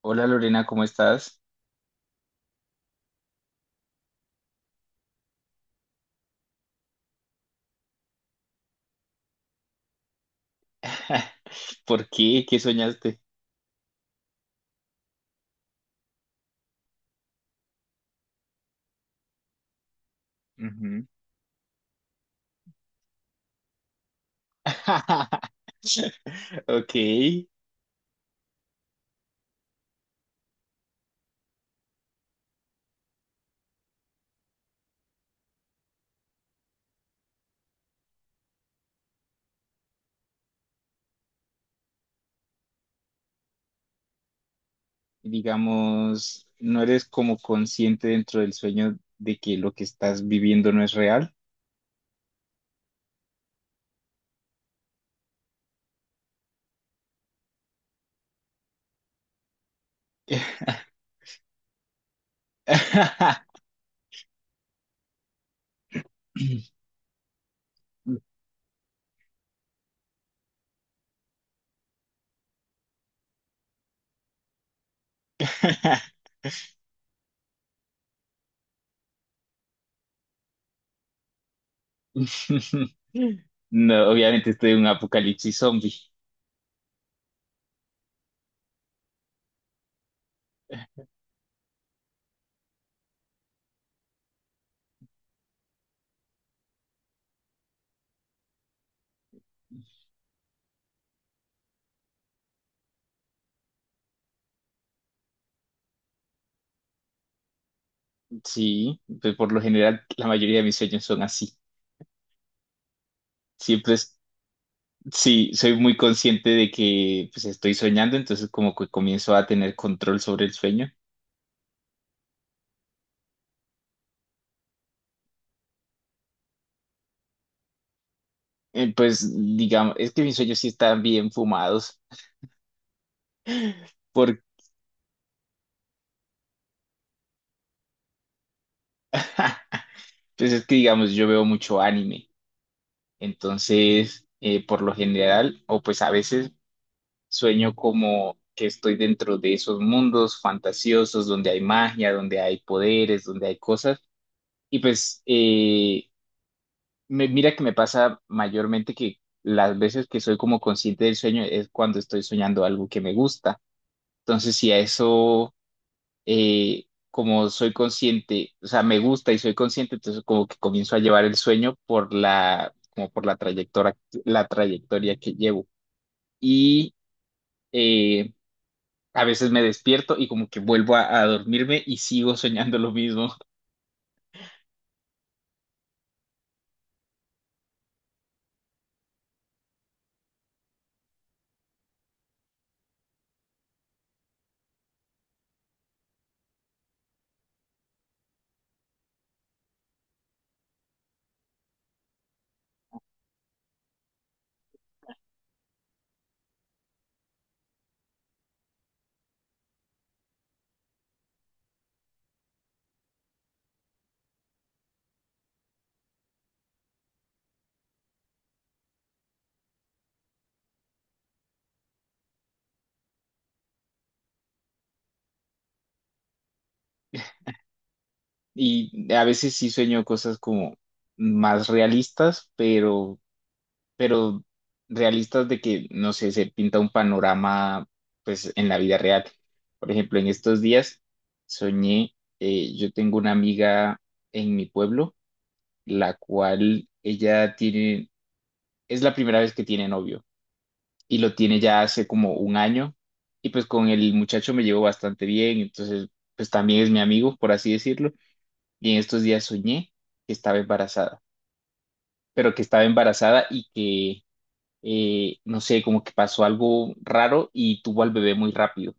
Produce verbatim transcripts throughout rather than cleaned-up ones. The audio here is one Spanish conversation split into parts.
Hola Lorena, ¿cómo estás? ¿Por qué? ¿Qué soñaste? Ujú. Ok, digamos, no eres como consciente dentro del sueño de que lo que estás viviendo no es real. No, obviamente estoy en un apocalipsis zombie. Sí, pues por lo general la mayoría de mis sueños son así. Siempre es... Sí, soy muy consciente de que pues estoy soñando, entonces como que comienzo a tener control sobre el sueño. Eh, pues digamos, es que mis sueños sí están bien fumados, porque pues es que digamos, yo veo mucho anime, entonces eh, por lo general, o pues a veces sueño como que estoy dentro de esos mundos fantasiosos donde hay magia, donde hay poderes, donde hay cosas, y pues eh, Me- mira que me pasa mayormente que las veces que soy como consciente del sueño es cuando estoy soñando algo que me gusta. Entonces, si a eso, eh, como soy consciente, o sea, me gusta y soy consciente, entonces como que comienzo a llevar el sueño por la, como por la trayectoria, la trayectoria que llevo. Y eh, a veces me despierto y como que vuelvo a, a dormirme y sigo soñando lo mismo. Y a veces sí sueño cosas como más realistas, pero pero realistas de que, no sé, se pinta un panorama, pues, en la vida real. Por ejemplo, en estos días soñé, eh, yo tengo una amiga en mi pueblo, la cual ella tiene, es la primera vez que tiene novio y lo tiene ya hace como un año y pues con el muchacho me llevo bastante bien, entonces, pues también es mi amigo, por así decirlo, y en estos días soñé que estaba embarazada, pero que estaba embarazada y eh, no sé, como que pasó algo raro y tuvo al bebé muy rápido.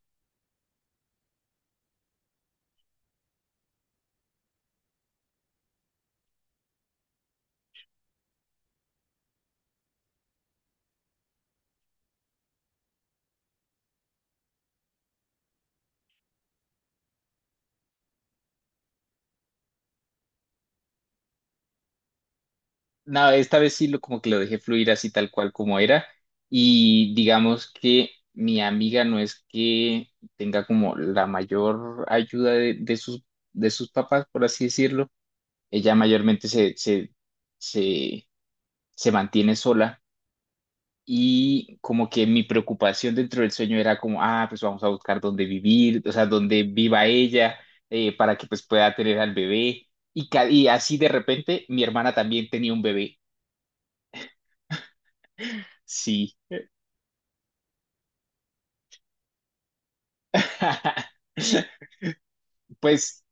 Nada, esta vez sí lo, como que lo dejé fluir así tal cual como era y digamos que mi amiga no es que tenga como la mayor ayuda de, de sus, de sus papás, por así decirlo. Ella mayormente se, se, se, se mantiene sola. Y como que mi preocupación dentro del sueño era como, ah, pues vamos a buscar dónde vivir, o sea, dónde viva ella, eh, para que pues pueda tener al bebé. Y, ca- y así de repente mi hermana también tenía un bebé. Sí. Pues,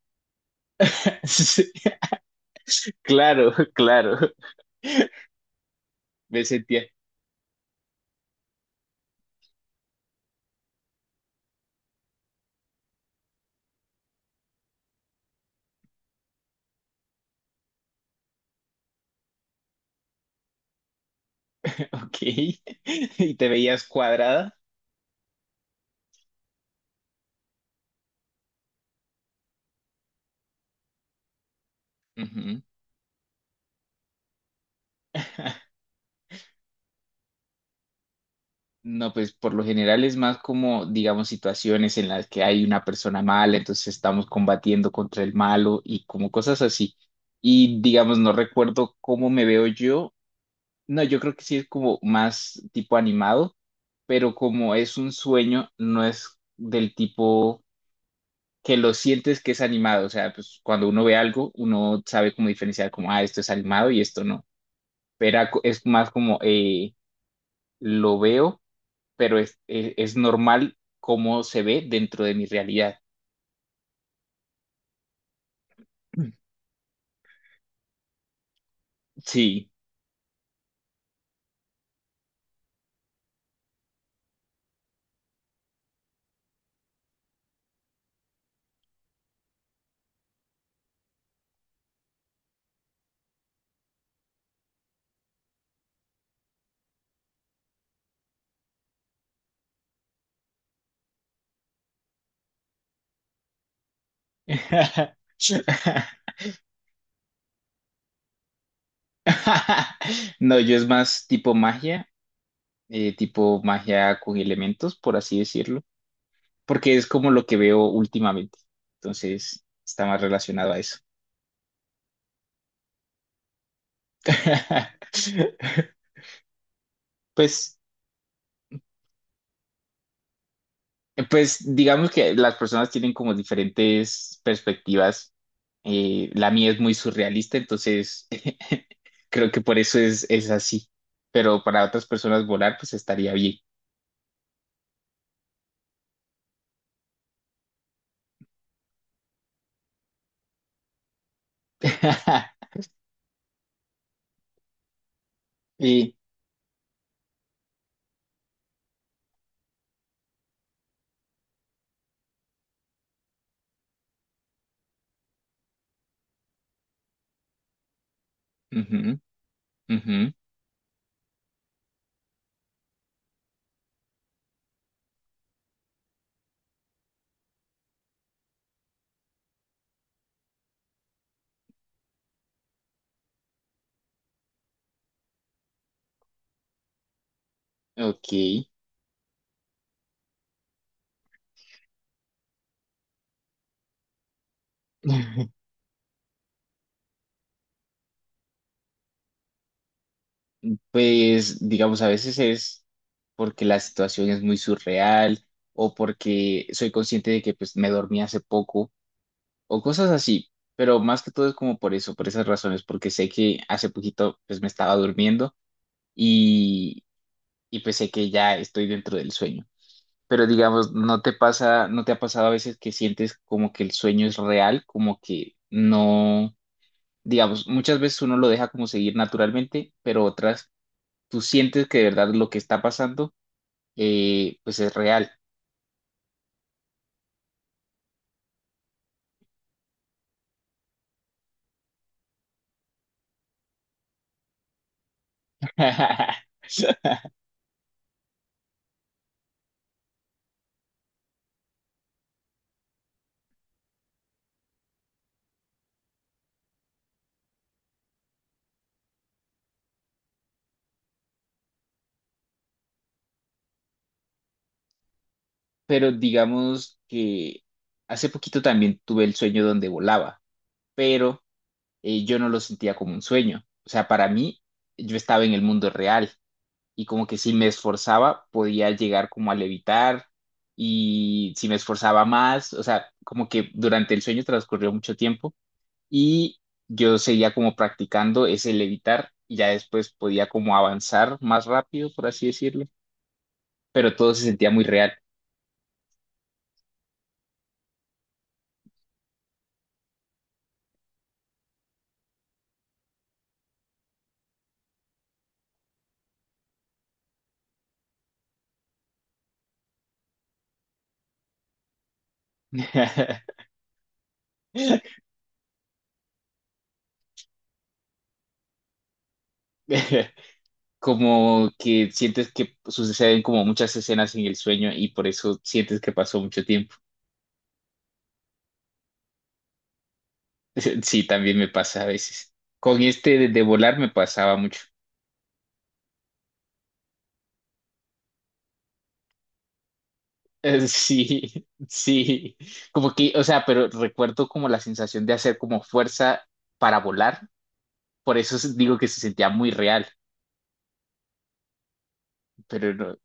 sí. Claro, claro. Me sentía, ok. Y te veías cuadrada. Ujú. No, pues por lo general es más como, digamos, situaciones en las que hay una persona mala, entonces estamos combatiendo contra el malo y como cosas así. Y digamos, no recuerdo cómo me veo yo. No, yo creo que sí es como más tipo animado, pero como es un sueño, no es del tipo que lo sientes que es animado. O sea, pues cuando uno ve algo, uno sabe cómo diferenciar como, ah, esto es animado y esto no. Pero ac- es más como, eh, lo veo pero es, es, es normal cómo se ve dentro de mi realidad. Sí. No, yo es más tipo magia, eh, tipo magia con elementos, por así decirlo, porque es como lo que veo últimamente. Entonces, está más relacionado a eso. Pues... Pues digamos que las personas tienen como diferentes perspectivas. Eh, la mía es muy surrealista, entonces creo que por eso es, es así. Pero para otras personas volar, pues estaría bien. Y, ujú, ujú, ok. Pues digamos, a veces es porque la situación es muy surreal o porque soy consciente de que pues me dormí hace poco, o cosas así, pero más que todo es como por eso, por esas razones, porque sé que hace poquito pues me estaba durmiendo y, y pues sé que ya estoy dentro del sueño. Pero digamos, ¿no te pasa, no te ha pasado a veces que sientes como que el sueño es real, como que no, digamos, muchas veces uno lo deja como seguir naturalmente, pero otras tú sientes que de verdad lo que está pasando eh, pues es real? Pero digamos que hace poquito también tuve el sueño donde volaba, pero eh, yo no lo sentía como un sueño. O sea, para mí, yo estaba en el mundo real y como que si me esforzaba, podía llegar como a levitar, y si me esforzaba más, o sea, como que durante el sueño transcurrió mucho tiempo y yo seguía como practicando ese levitar y ya después podía como avanzar más rápido, por así decirlo, pero todo se sentía muy real. Como que sientes que suceden como muchas escenas en el sueño y por eso sientes que pasó mucho tiempo. Sí, también me pasa a veces. Con este de, de volar me pasaba mucho. Eh, Sí, sí. Como que, o sea, pero recuerdo como la sensación de hacer como fuerza para volar. Por eso s- digo que se sentía muy real, pero no.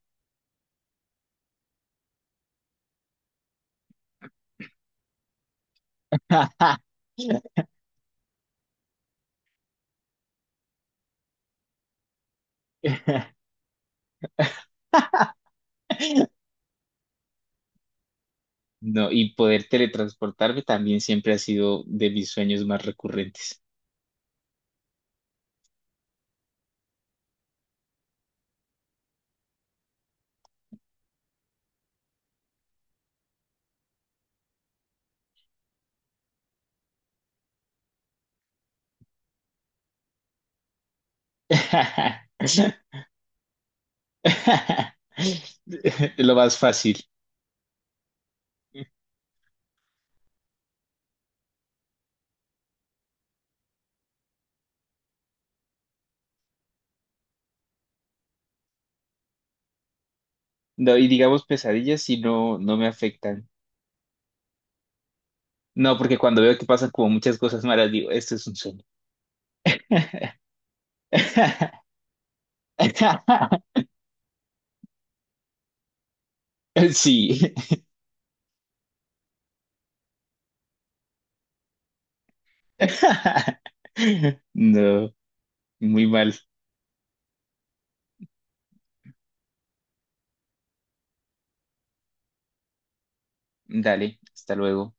No, y poder teletransportarme también siempre ha sido de mis sueños más recurrentes. Lo más fácil. No, y digamos pesadillas si no, no me afectan. No, porque cuando veo que pasan como muchas cosas malas, digo, esto es un sueño. Sí. No, muy mal. Dale, hasta luego.